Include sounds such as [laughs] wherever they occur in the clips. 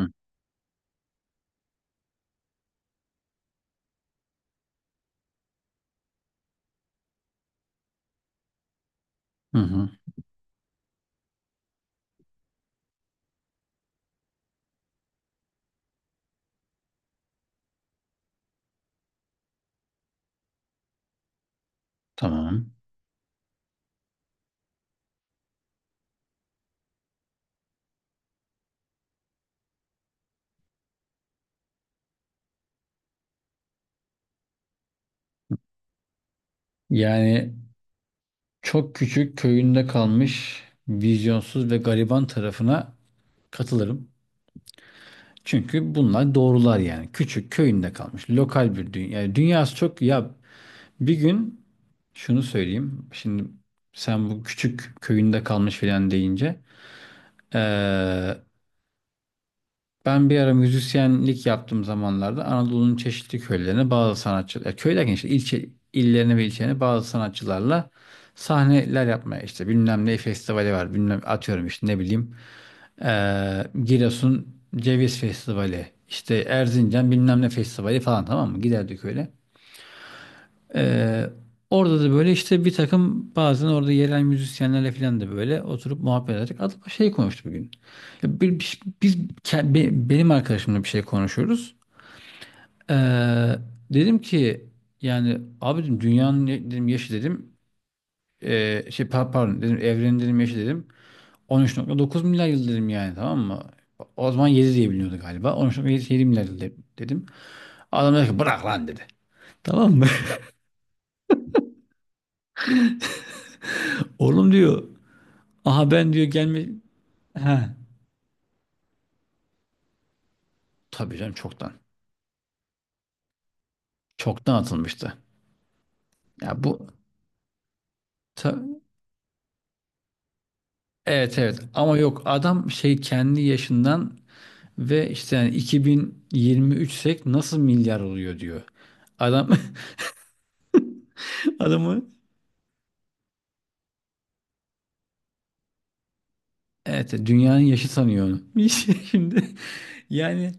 Hı hı. Hı. Tamam. Yani çok küçük köyünde kalmış vizyonsuz ve gariban tarafına katılırım. Çünkü bunlar doğrular yani. Küçük köyünde kalmış lokal bir dünya. Yani dünyası çok ya, bir gün şunu söyleyeyim. Şimdi sen bu küçük köyünde kalmış filan deyince eee, ben bir ara müzisyenlik yaptığım zamanlarda Anadolu'nun çeşitli köylerine bazı sanatçılar, ya köy derken işte ilçe, illerine ve ilçelerine bazı sanatçılarla sahneler yapmaya, işte bilmem ne festivali var, bilmem, atıyorum işte, ne bileyim, Giresun Ceviz Festivali, işte Erzincan bilmem ne festivali falan, tamam mı, giderdik öyle. Ee, Orada da böyle işte bir takım, bazen orada yerel müzisyenlerle falan da böyle oturup muhabbet ederek, adam şey konuştu bugün. Ya şey, benim arkadaşımla bir şey konuşuyoruz. Ee, dedim ki, yani abi dedim, dünyanın dedim, yaşı dedim, pardon dedim, evrenin dedim, yaşı dedim 13,9 milyar yıl dedim, yani tamam mı? O zaman 7 diye biliniyordu galiba. 13,7 milyar yıl dedim. Adam dedi ki bırak lan dedi. Tamam mı? [laughs] Oğlum diyor. Aha ben diyor gelme. He. Tabii canım, çoktan. Çoktan atılmıştı. Ya bu ta- evet evet, ama yok, adam şey kendi yaşından ve işte, yani 2023'sek nasıl milyar oluyor diyor. Adam [laughs] adamı, evet dünyanın yaşı sanıyor onu. [laughs] Şimdi yani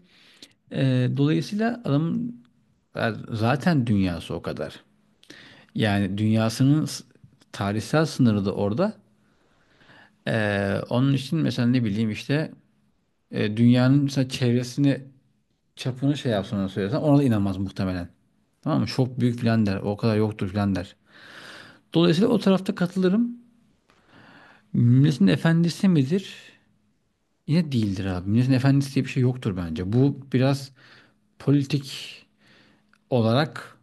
dolayısıyla adamın zaten dünyası o kadar. Yani dünyasının tarihsel sınırı da orada. Onun için mesela, ne bileyim işte, dünyanın mesela çevresini, çapını şey yapsın, ona söylesen ona da inanmaz muhtemelen. Tamam mı? Çok büyük filan der. O kadar yoktur filan der. Dolayısıyla o tarafta katılırım. Milletin efendisi midir? Yine değildir abi. Milletin efendisi diye bir şey yoktur bence. Bu biraz politik olarak...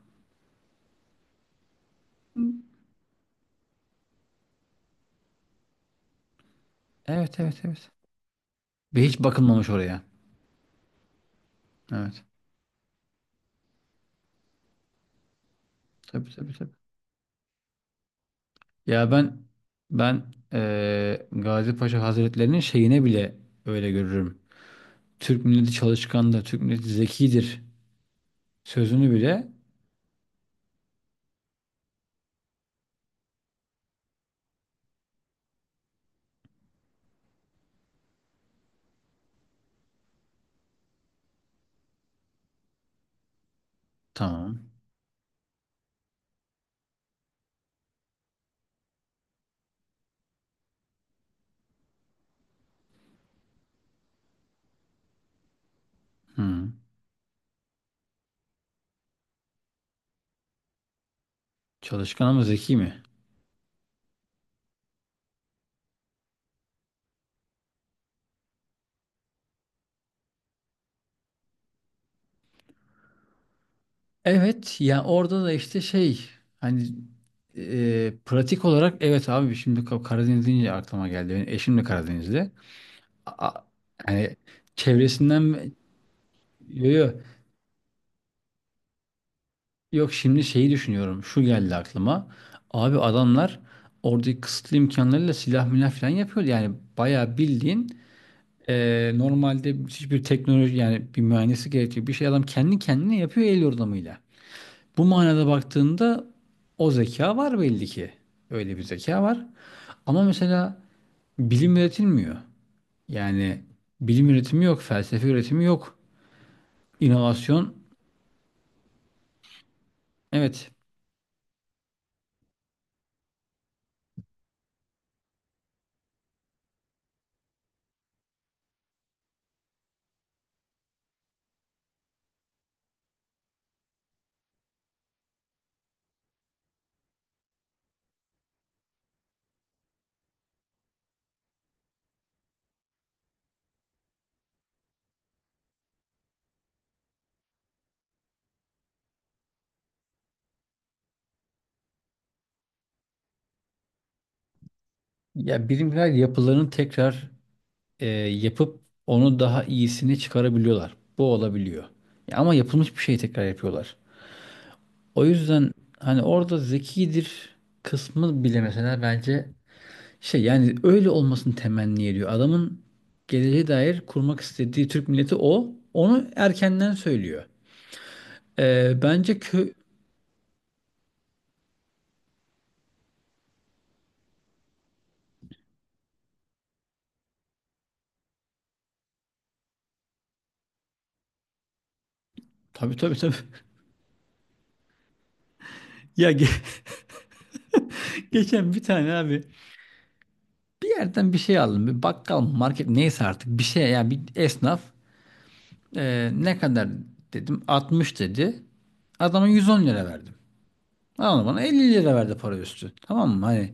Evet, evet, evet. Ve hiç bakılmamış oraya. Evet. Tabii, tabii, tabii. Ya ben, Gazi Paşa Hazretleri'nin şeyine bile öyle görürüm. Türk milleti çalışkandır, Türk milleti zekidir sözünü bile. Tamam. Hı. Çalışkan ama zeki mi? Evet, ya orada da işte şey, hani pratik olarak, evet abi, şimdi Karadeniz deyince aklıma geldi. Benim eşim de Karadenizli. A- a- hani çevresinden. Yo, yo. Yok, şimdi şeyi düşünüyorum. Şu geldi aklıma. Abi adamlar oradaki kısıtlı imkanlarıyla silah milah falan yapıyor. Yani bayağı bildiğin, normalde hiçbir teknoloji, yani bir mühendisi gerekiyor. Bir şey adam kendi kendine yapıyor el yordamıyla. Bu manada baktığında o zeka var belli ki. Öyle bir zeka var. Ama mesela bilim üretilmiyor. Yani bilim üretimi yok, felsefe üretimi yok. İnovasyon, evet. Ya bilimler yapılarını tekrar yapıp onu daha iyisini çıkarabiliyorlar. Bu olabiliyor. Ya ama yapılmış bir şeyi tekrar yapıyorlar. O yüzden hani orada zekidir kısmı bile mesela bence şey, yani öyle olmasını temenni ediyor. Adamın geleceğe dair kurmak istediği Türk milleti o. Onu erkenden söylüyor. Bence kö... Tabii, tabii, tabii. [laughs] Ya [laughs] geçen bir tane abi, bir yerden bir şey aldım. Bir bakkal mı, market neyse artık, bir şey yani, bir esnaf. Ne kadar dedim, 60 dedi. Adama 110 lira verdim. Adam bana 50 lira verdi para üstü. Tamam mı? Hani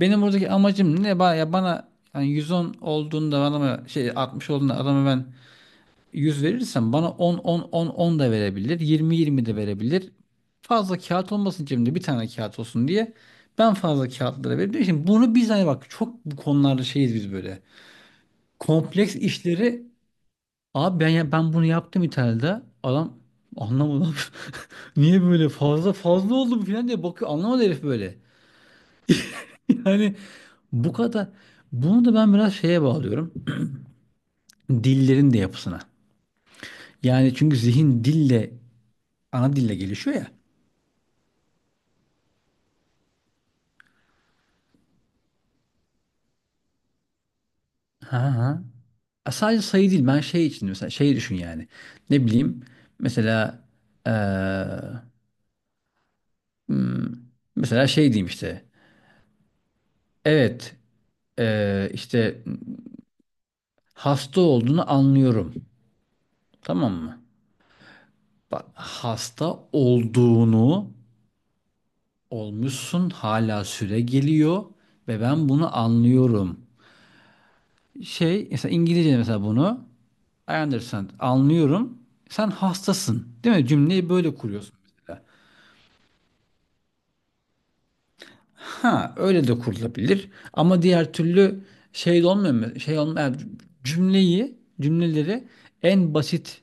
benim buradaki amacım ne? Ya bana, hani 110 olduğunda adama şey, 60 olduğunda adama ben, 100 verirsen bana 10 10 10 10 da verebilir, 20 20 de verebilir. Fazla kağıt olmasın cebimde, bir tane kağıt olsun diye. Ben fazla kağıtlara verebilirim. Şimdi bunu biz hani, bak çok bu konularda şeyiz biz böyle. Kompleks işleri abi, ben, ya ben bunu yaptım İtalya'da. Adam anlamadı. [laughs] Niye böyle fazla fazla oldu bu falan diye bakıyor. Anlamadı herif böyle. [laughs] Yani bu kadar. Bunu da ben biraz şeye bağlıyorum. Dillerin de yapısına. Yani çünkü zihin dille, ana dille gelişiyor ya. Ha, ha. Sadece sayı değil. Ben şey için mesela, şey düşün yani. Ne bileyim, mesela eee, hmm, mesela şey diyeyim işte. Evet, işte hasta olduğunu anlıyorum. Tamam mı? Bak hasta olduğunu, olmuşsun, hala süre geliyor ve ben bunu anlıyorum. Şey mesela İngilizce, mesela bunu "I understand anlıyorum. Sen hastasın değil mi?" Cümleyi böyle kuruyorsun. Ha, öyle de kurulabilir. Ama diğer türlü şey de olmuyor mu? Şey olmuyor, yani. Cümleyi, cümleleri en basit,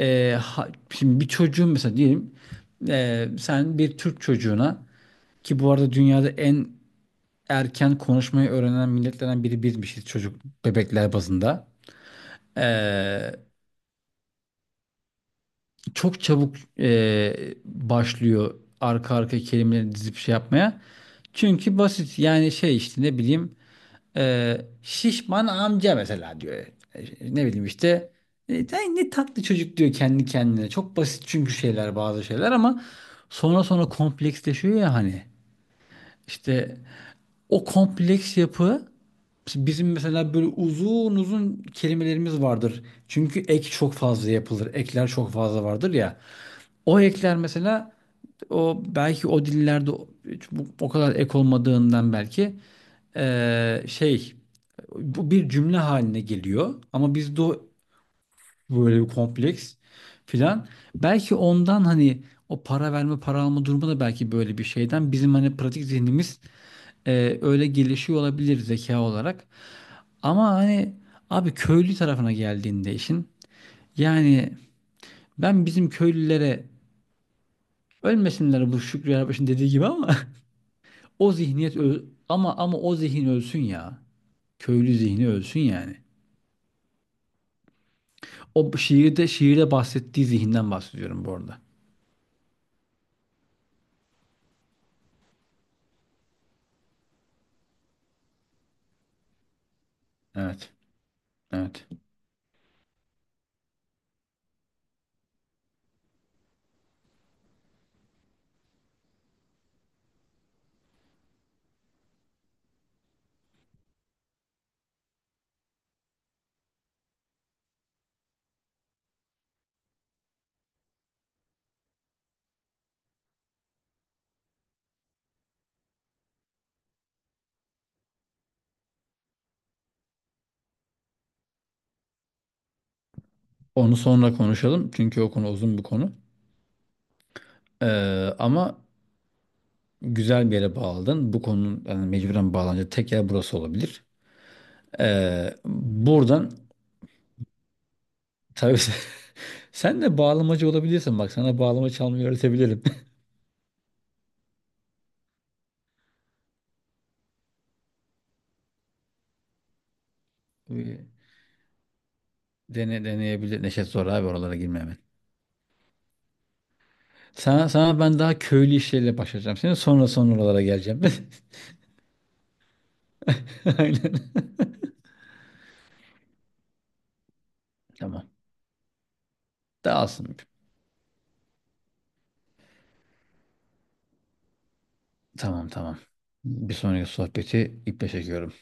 şimdi bir çocuğun mesela diyelim, sen bir Türk çocuğuna, ki bu arada dünyada en erken konuşmayı öğrenen milletlerden biri bizmişiz, çocuk bebekler bazında. E, çok çabuk başlıyor arka arka kelimeleri dizip şey yapmaya. Çünkü basit yani, şey işte, ne bileyim, "şişman amca" mesela diyor. E, Ne bileyim işte. "Ay ne tatlı çocuk" diyor kendi kendine. Çok basit çünkü şeyler, bazı şeyler, ama sonra sonra kompleksleşiyor ya hani. İşte o kompleks yapı, bizim mesela böyle uzun uzun kelimelerimiz vardır. Çünkü ek çok fazla yapılır. Ekler çok fazla vardır ya. O ekler mesela, o belki o dillerde o o kadar ek olmadığından belki, şey, bu bir cümle haline geliyor ama bizde o, böyle bir kompleks filan. Belki ondan, hani o para verme para alma durumu da belki böyle bir şeyden, bizim hani pratik zihnimiz öyle gelişiyor olabilir, zeka olarak. Ama hani abi köylü tarafına geldiğinde işin, yani ben bizim köylülere ölmesinler, bu Şükrü Erbaş'ın dediği gibi, ama [laughs] o zihniyet ama o zihin ölsün ya. Köylü zihni ölsün yani. O şiirde bahsettiği zihinden bahsediyorum bu arada. Evet. Evet. Onu sonra konuşalım çünkü o konu uzun bir konu. Ee, ama güzel bir yere bağladın. Bu konunun yani mecburen bağlanacak tek yer burası olabilir. Buradan tabii [laughs] sen de bağlamacı olabilirsin, bak sana bağlama çalmayı öğretebilirim. [laughs] Dene, deneyebilir. Neşet zor abi, oralara girmemek. Sana ben daha köylü işleriyle başlayacağım. Senin sonra son oralara geleceğim. [laughs] Aynen. Tamam. Dağılsın. Tamam, tamam. Bir sonraki sohbeti iple çekiyorum.